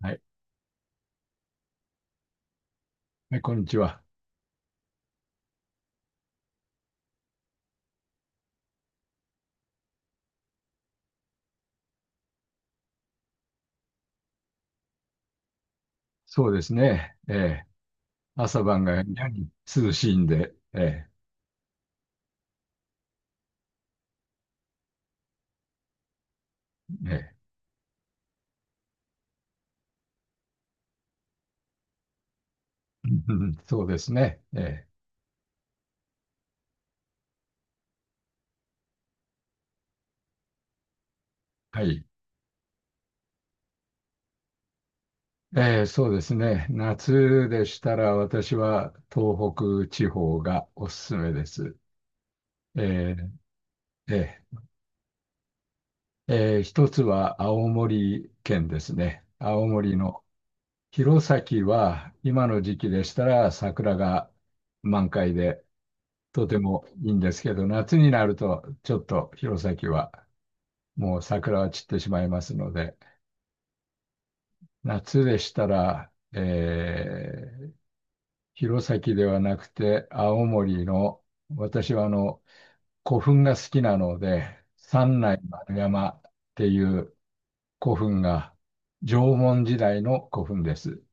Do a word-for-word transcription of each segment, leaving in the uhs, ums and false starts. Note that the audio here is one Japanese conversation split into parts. はい。はい、こんにちは。そうですね。ええ、朝晩がやに涼しいんで、ええ、ええ、うんうん、そうですね。ええ、はい。ええ、そうですね。夏でしたら私は東北地方がおすすめです。ええ、ええ、ええ、一つは青森県ですね。青森の弘前は今の時期でしたら桜が満開で、とてもいいんですけど、夏になるとちょっと弘前はもう桜は散ってしまいますので、夏でしたら、えー弘前ではなくて青森の、私はあの古墳が好きなので、三内丸山っていう古墳が縄文時代の古墳です。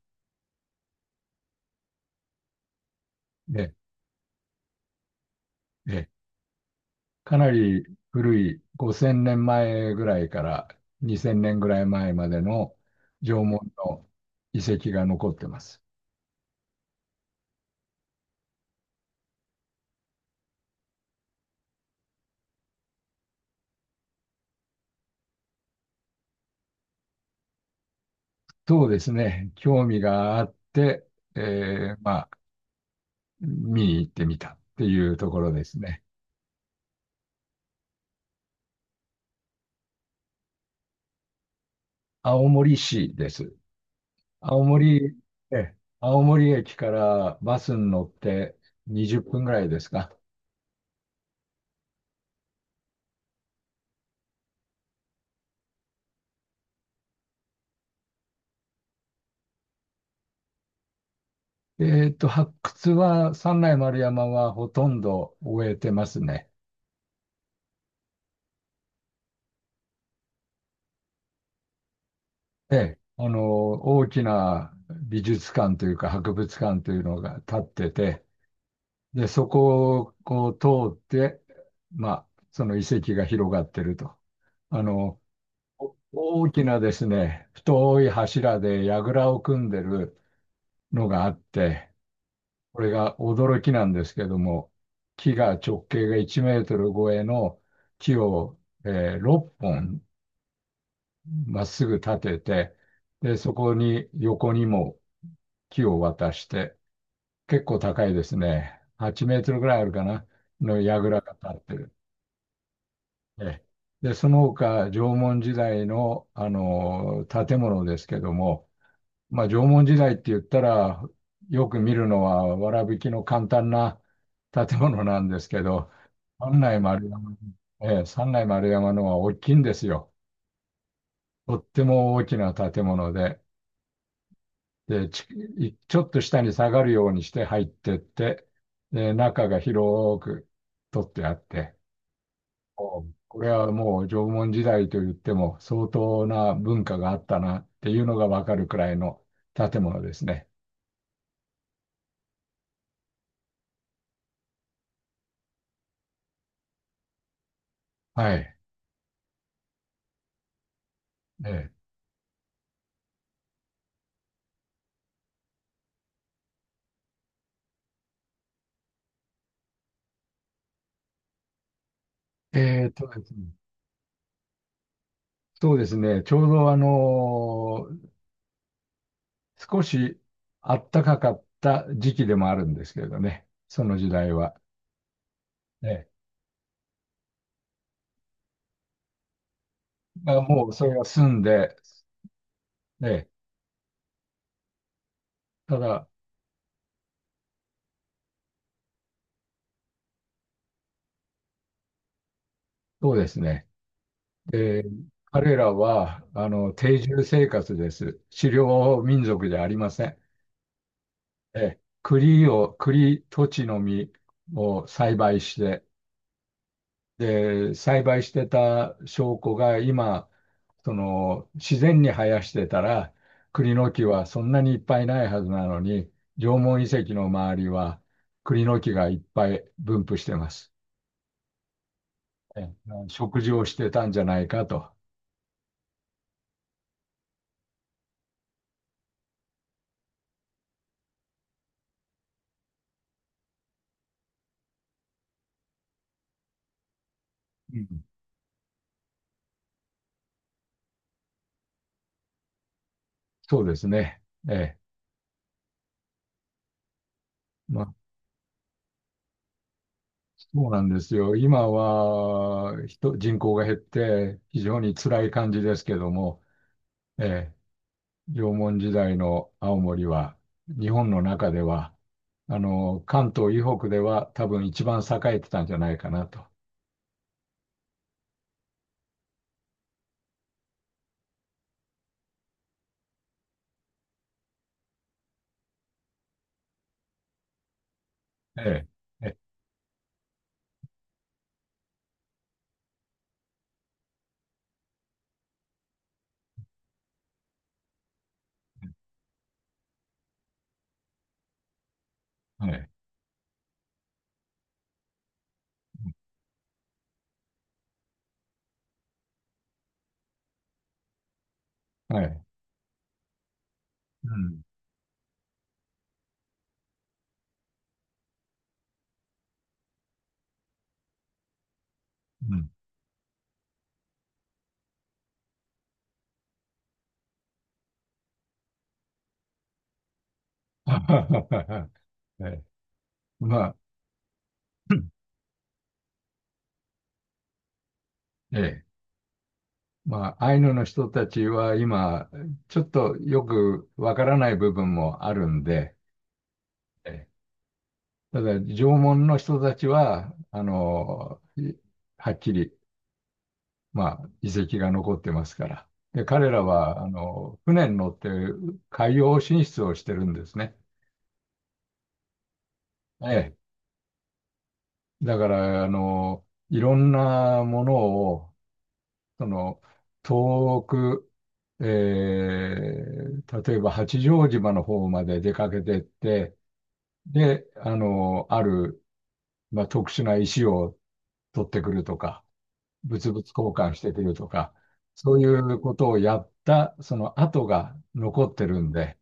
で、でかなり古いごせんねんまえぐらいからにせんねんぐらい前までの縄文の遺跡が残ってます。そうですね。興味があって、えーまあ、見に行ってみたっていうところですね。青森市です。青森、え、青森駅からバスに乗ってにじゅっぷんぐらいですか。えっと、発掘は、三内丸山はほとんど終えてますね。ええ、あの、大きな美術館というか博物館というのが建ってて、で、そこをこう通って、まあ、その遺跡が広がってると。あの、お大きなですね、太い柱で櫓を組んでるのがあって、これが驚きなんですけども、木が直径がいちメートル超えの木を、えーろっぽんまっすぐ立てて、で、そこに横にも木を渡して、結構高いですね。はちメートルぐらいあるかな、の櫓が立ってる。ええ。で、その他、縄文時代の、あの、建物ですけども、まあ、縄文時代って言ったら、よく見るのは、わらびきの簡単な建物なんですけど、三内丸山、ええ、三内丸山のは大きいんですよ。とっても大きな建物で、で、ち、いちょっと下に下がるようにして入ってって、で、中が広く取ってあって、これはもう縄文時代と言っても相当な文化があったなっていうのがわかるくらいの建物ですね。はい。えええーとですね、そうですね。ちょうどあのー少し暖かかった時期でもあるんですけれどね。その時代は。ええ、まあ、もうそれが済んで、ええ、ただ、そうですね。で、彼らはあの定住生活です。狩猟民族じゃありません。え、栗を、栗、土地の実を栽培して、で、栽培してた証拠が今、その、自然に生やしてたら、栗の木はそんなにいっぱいないはずなのに、縄文遺跡の周りは栗の木がいっぱい分布してます。ええ、食事をしてたんじゃないかと。うん、そうですね。ええ。まあ、そうなんですよ。今は人、人口が減って非常に辛い感じですけども、ええ、縄文時代の青森は、日本の中では、あの、関東以北では多分一番栄えてたんじゃないかなと。ええ、ええ、はい、はい、うん、うん。ええ、まあ、ええ、まあ、アイヌの人たちは今、ちょっとよくわからない部分もあるんで、ええ、ただ、縄文の人たちは、あの、はっきり、まあ、遺跡が残ってますから。で、彼らは、あの、船に乗って海洋進出をしてるんですね。ええ。だから、あの、いろんなものを、その、遠く、えー例えば八丈島の方まで出かけてって、で、あの、ある、まあ、特殊な石を取ってくるとか、物々交換してくるとか、そういうことをやった、その跡が残ってるんで、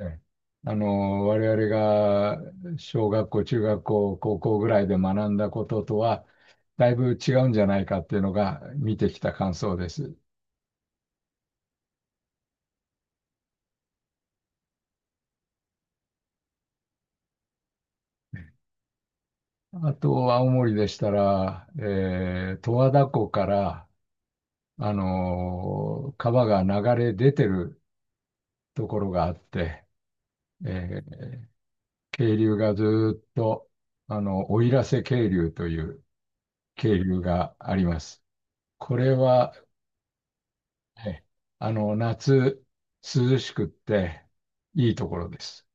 ええ、あの、我々が小学校、中学校、高校ぐらいで学んだこととは、だいぶ違うんじゃないかっていうのが見てきた感想です。あと、青森でしたら、えー、十和田湖から、あの、川が流れ出てるところがあって、えー、渓流がずーっと、あの、奥入瀬渓流という渓流があります。これは、ええ、あの、夏、涼しくって、いいところです。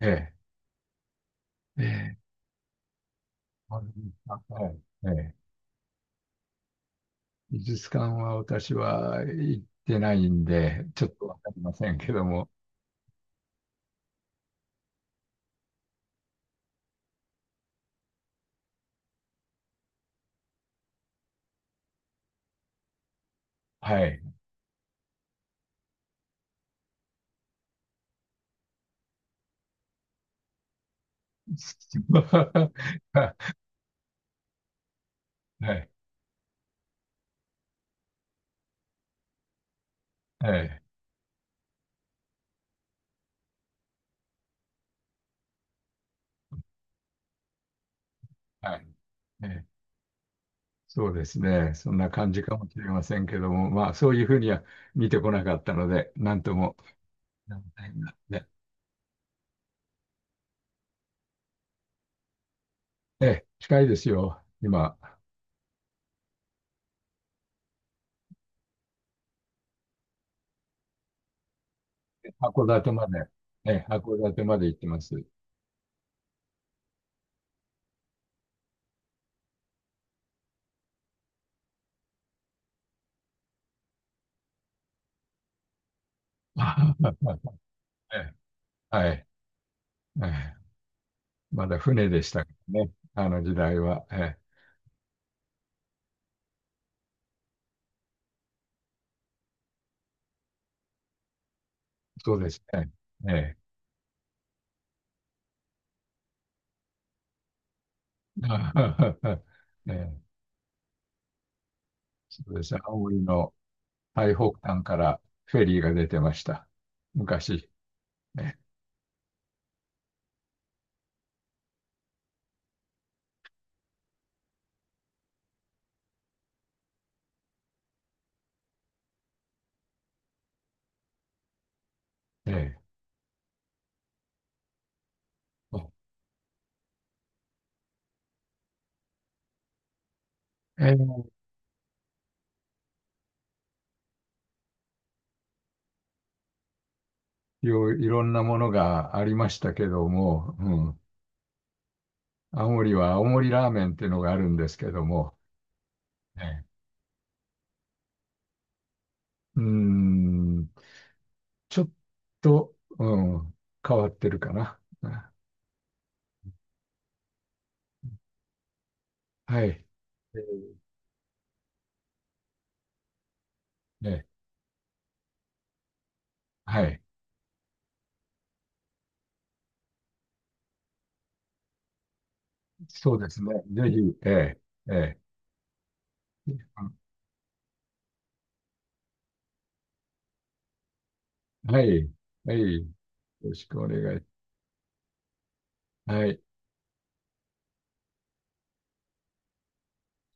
ええ。ええ。あ、はい。ええ。美術館は私は行ってないんで、ちょっとわかりませんけども、はい。はい。ええ。はい。ええ。そうですね。そんな感じかもしれませんけども、まあ、そういうふうには見てこなかったので、なんとも。なんともね。ええ、近いですよ、今。函館まで、ええ、函館まで行ってます。あはは。ええ、はい。ええ、まだ船でしたからね、あの時代は。ええ、そうですね。ええ。ええ、そうです。青森の最北端からフェリーが出てました。昔。ええ。ええ、いろいろんなものがありましたけども、うん。青森は青森ラーメンっていうのがあるんですけども、ええ、うーん。ちょっと、うん、変わってるかな。うん。はい。えーね、はい。そうですね。ぜひ、ええ、ええ。うん。はい。はい。よろしくお願い。はい。